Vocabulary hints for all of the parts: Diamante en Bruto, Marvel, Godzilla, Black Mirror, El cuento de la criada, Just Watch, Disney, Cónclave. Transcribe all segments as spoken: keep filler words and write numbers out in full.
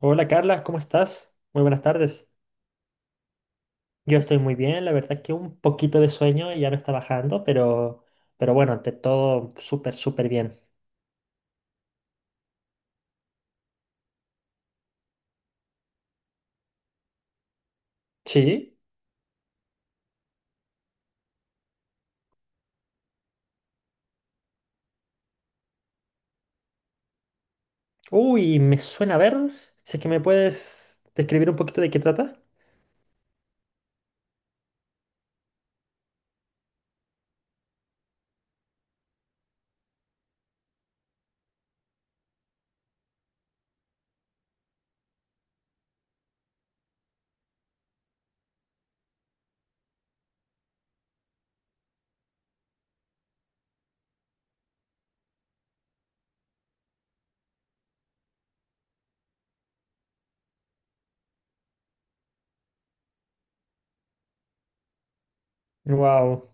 Hola Carla, ¿cómo estás? Muy buenas tardes. Yo estoy muy bien, la verdad que un poquito de sueño y ya me está bajando, pero, pero bueno, ante todo, súper, súper bien. ¿Sí? Uy, me suena, a ver. Si es que me puedes describir un poquito de qué trata. Wow.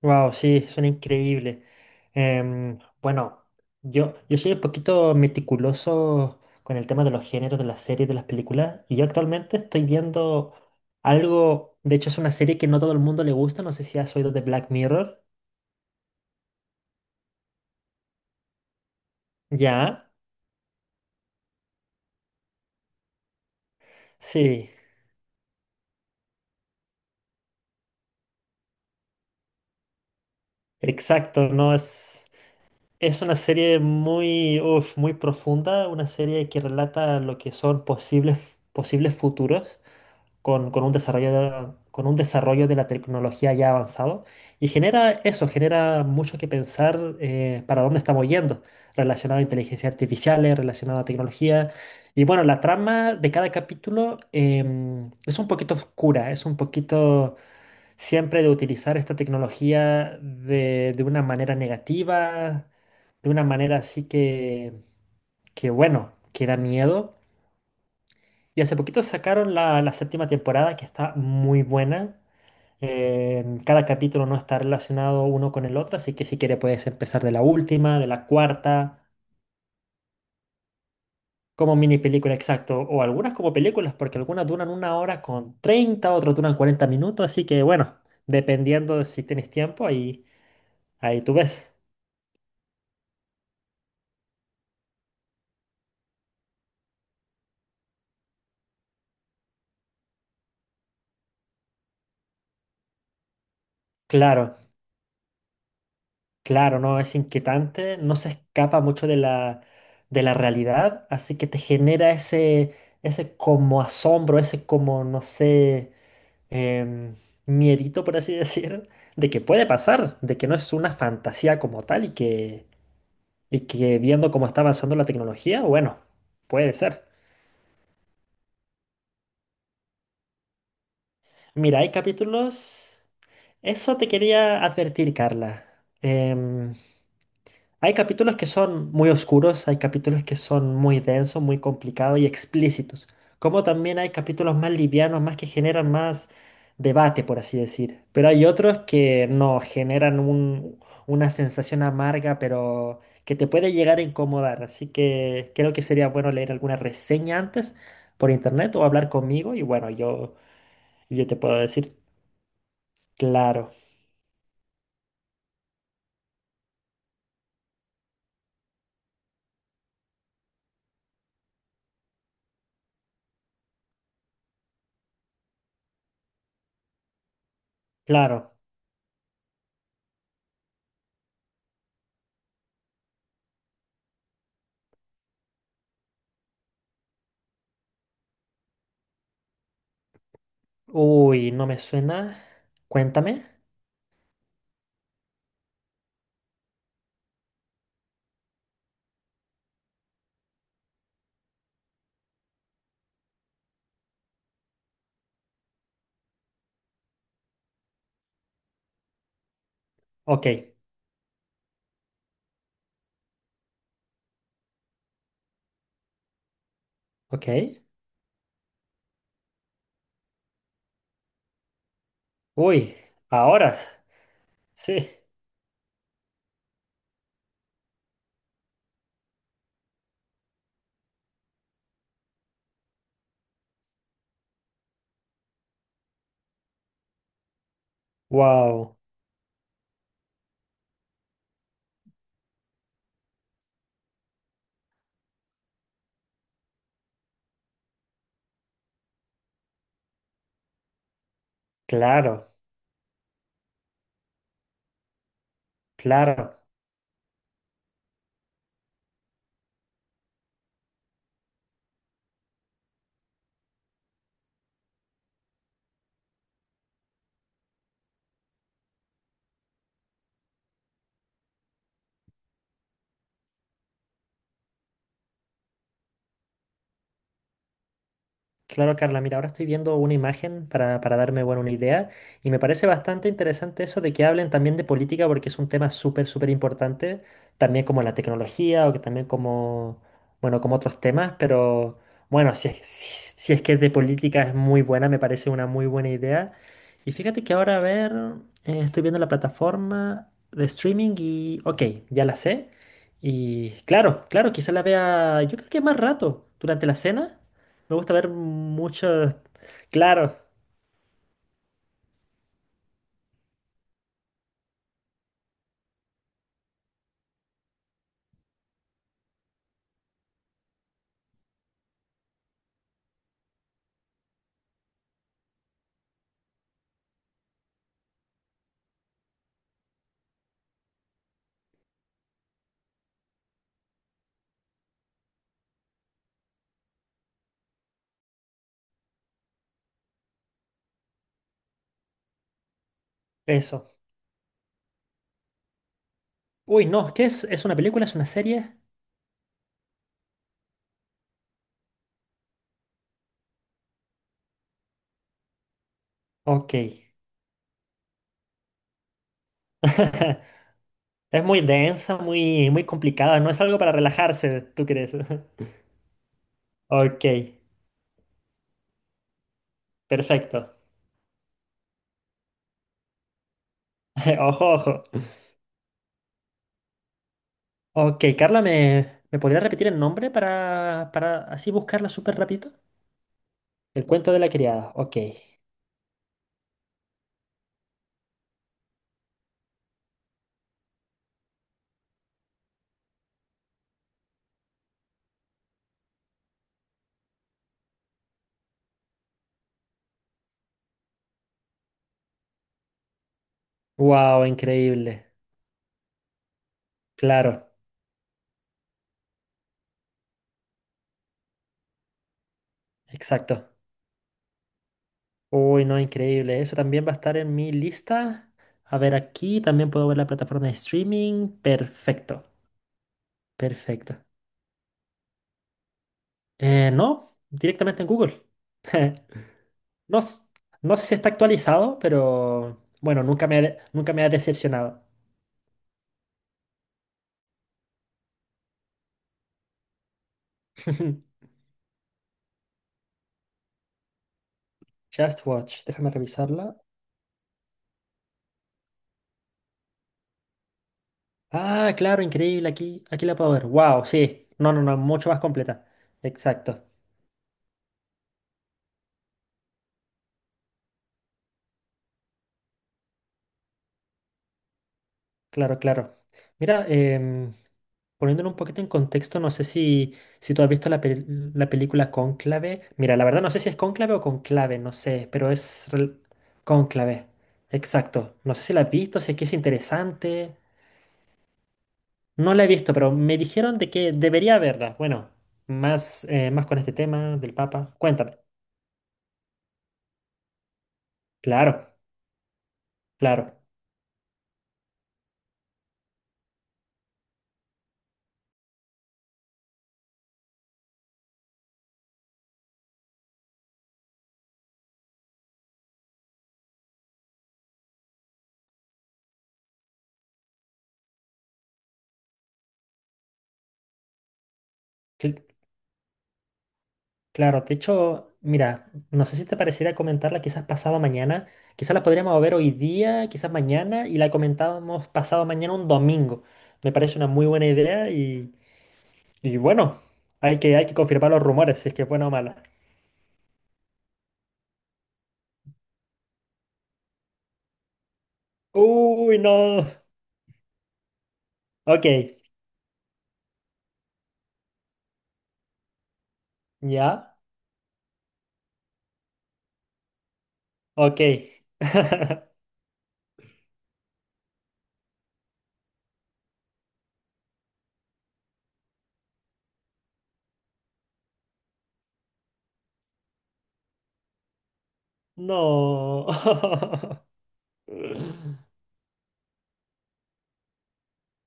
Wow, sí, son increíbles. Em, bueno, yo, yo soy un poquito meticuloso con el tema de los géneros de las series, de las películas, y yo actualmente estoy viendo algo. De hecho, es una serie que no todo el mundo le gusta, no sé si has oído de Black Mirror. Ya, sí, exacto. No es, es una serie muy, uf, muy profunda, una serie que relata lo que son posibles, posibles futuros, con, con un desarrollo de, con un desarrollo de la tecnología ya avanzado, y genera eso, genera mucho que pensar, eh, para dónde estamos yendo, relacionado a inteligencia artificial, relacionado a tecnología. Y bueno, la trama de cada capítulo, em, es un poquito oscura, es un poquito siempre de utilizar esta tecnología de, de una manera negativa, de una manera así que, que bueno, que da miedo. Y hace poquito sacaron la, la séptima temporada, que está muy buena. Eh, cada capítulo no está relacionado uno con el otro, así que si quieres puedes empezar de la última, de la cuarta, como mini película exacto, o algunas como películas, porque algunas duran una hora con treinta, otras duran cuarenta minutos, así que bueno, dependiendo de si tienes tiempo, ahí, ahí tú ves. Claro. Claro, no, es inquietante, no se escapa mucho de la, de la realidad, así que te genera ese, ese como asombro, ese como, no sé, em, miedito, por así decir, de que puede pasar, de que no es una fantasía como tal, y que, y que viendo cómo está avanzando la tecnología, bueno, puede ser. Mira, hay capítulos... Eso te quería advertir, Carla. Em, Hay capítulos que son muy oscuros, hay capítulos que son muy densos, muy complicados y explícitos, como también hay capítulos más livianos, más que generan más debate, por así decir. Pero hay otros que no generan un- una sensación amarga, pero que te puede llegar a incomodar. Así que creo que sería bueno leer alguna reseña antes por internet o hablar conmigo y bueno, yo, yo te puedo decir, claro, claro. Uy, no me suena. Cuéntame. Ok, ok. Uy, ahora, sí. Wow, claro, claro. Claro, Carla, mira, ahora estoy viendo una imagen para, para darme, bueno, una idea, y me parece bastante interesante eso de que hablen también de política, porque es un tema súper, súper importante, también como la tecnología, o que también como, bueno, como otros temas, pero bueno, si es, si, si es que de política es muy buena, me parece una muy buena idea. Y fíjate que ahora, a ver, eh, estoy viendo la plataforma de streaming y, ok, ya la sé. Y claro, claro, quizá la vea, yo creo que más rato, durante la cena. Me gusta ver mucho... Claro, eso. Uy, no, ¿qué es? ¿Es una película? ¿Es una serie? Ok. Es muy densa, muy, muy complicada. No es algo para relajarse, ¿tú crees? Ok, perfecto. Ojo, ojo. Ok, Carla, ¿me, me podría repetir el nombre para, para así buscarla súper rápido? El cuento de la criada. Ok. Wow, increíble. Claro, exacto. Uy, no, increíble. Eso también va a estar en mi lista. A ver, aquí también puedo ver la plataforma de streaming. Perfecto, perfecto. Eh, no, directamente en Google. No, s- no sé si está actualizado, pero bueno, nunca me ha, de- nunca me ha decepcionado. Just Watch, déjame revisarla. Ah, claro, increíble, aquí, aquí la puedo ver. Wow, sí. No, no, no, mucho más completa. Exacto. Claro, claro. Mira, em, poniéndolo un poquito en contexto, no sé si, si tú has visto la, pel- la película Cónclave. Mira, la verdad no sé si es Cónclave o Conclave, no sé, pero es rel- Cónclave. Exacto. No sé si la has visto, si es que es interesante. No la he visto, pero me dijeron de que debería verla. Bueno, más, eh, más con este tema del Papa. Cuéntame. Claro, claro. Claro, de hecho, mira, no sé si te pareciera comentarla quizás pasado mañana, quizás la podríamos ver hoy día, quizás mañana, y la comentábamos pasado mañana, un domingo. Me parece una muy buena idea y, y bueno, hay que, hay que confirmar los rumores, si es que es buena o mala. Uy, no. Ok, ya, ok, no.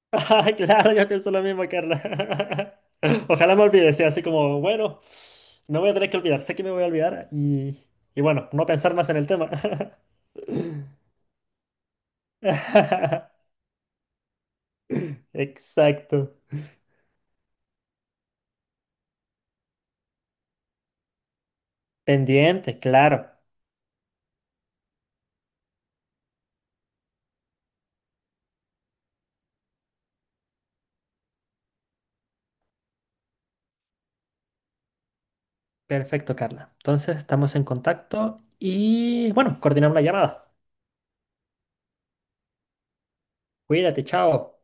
Ah, claro, yo pienso lo mismo, Carla. Ojalá me olvide, sea así como, bueno, me voy a tener que olvidar, sé que me voy a olvidar y, y bueno, no pensar más en el tema. Exacto. Pendiente, claro. Perfecto, Carla. Entonces estamos en contacto y bueno, coordinamos la llamada. Cuídate, chao.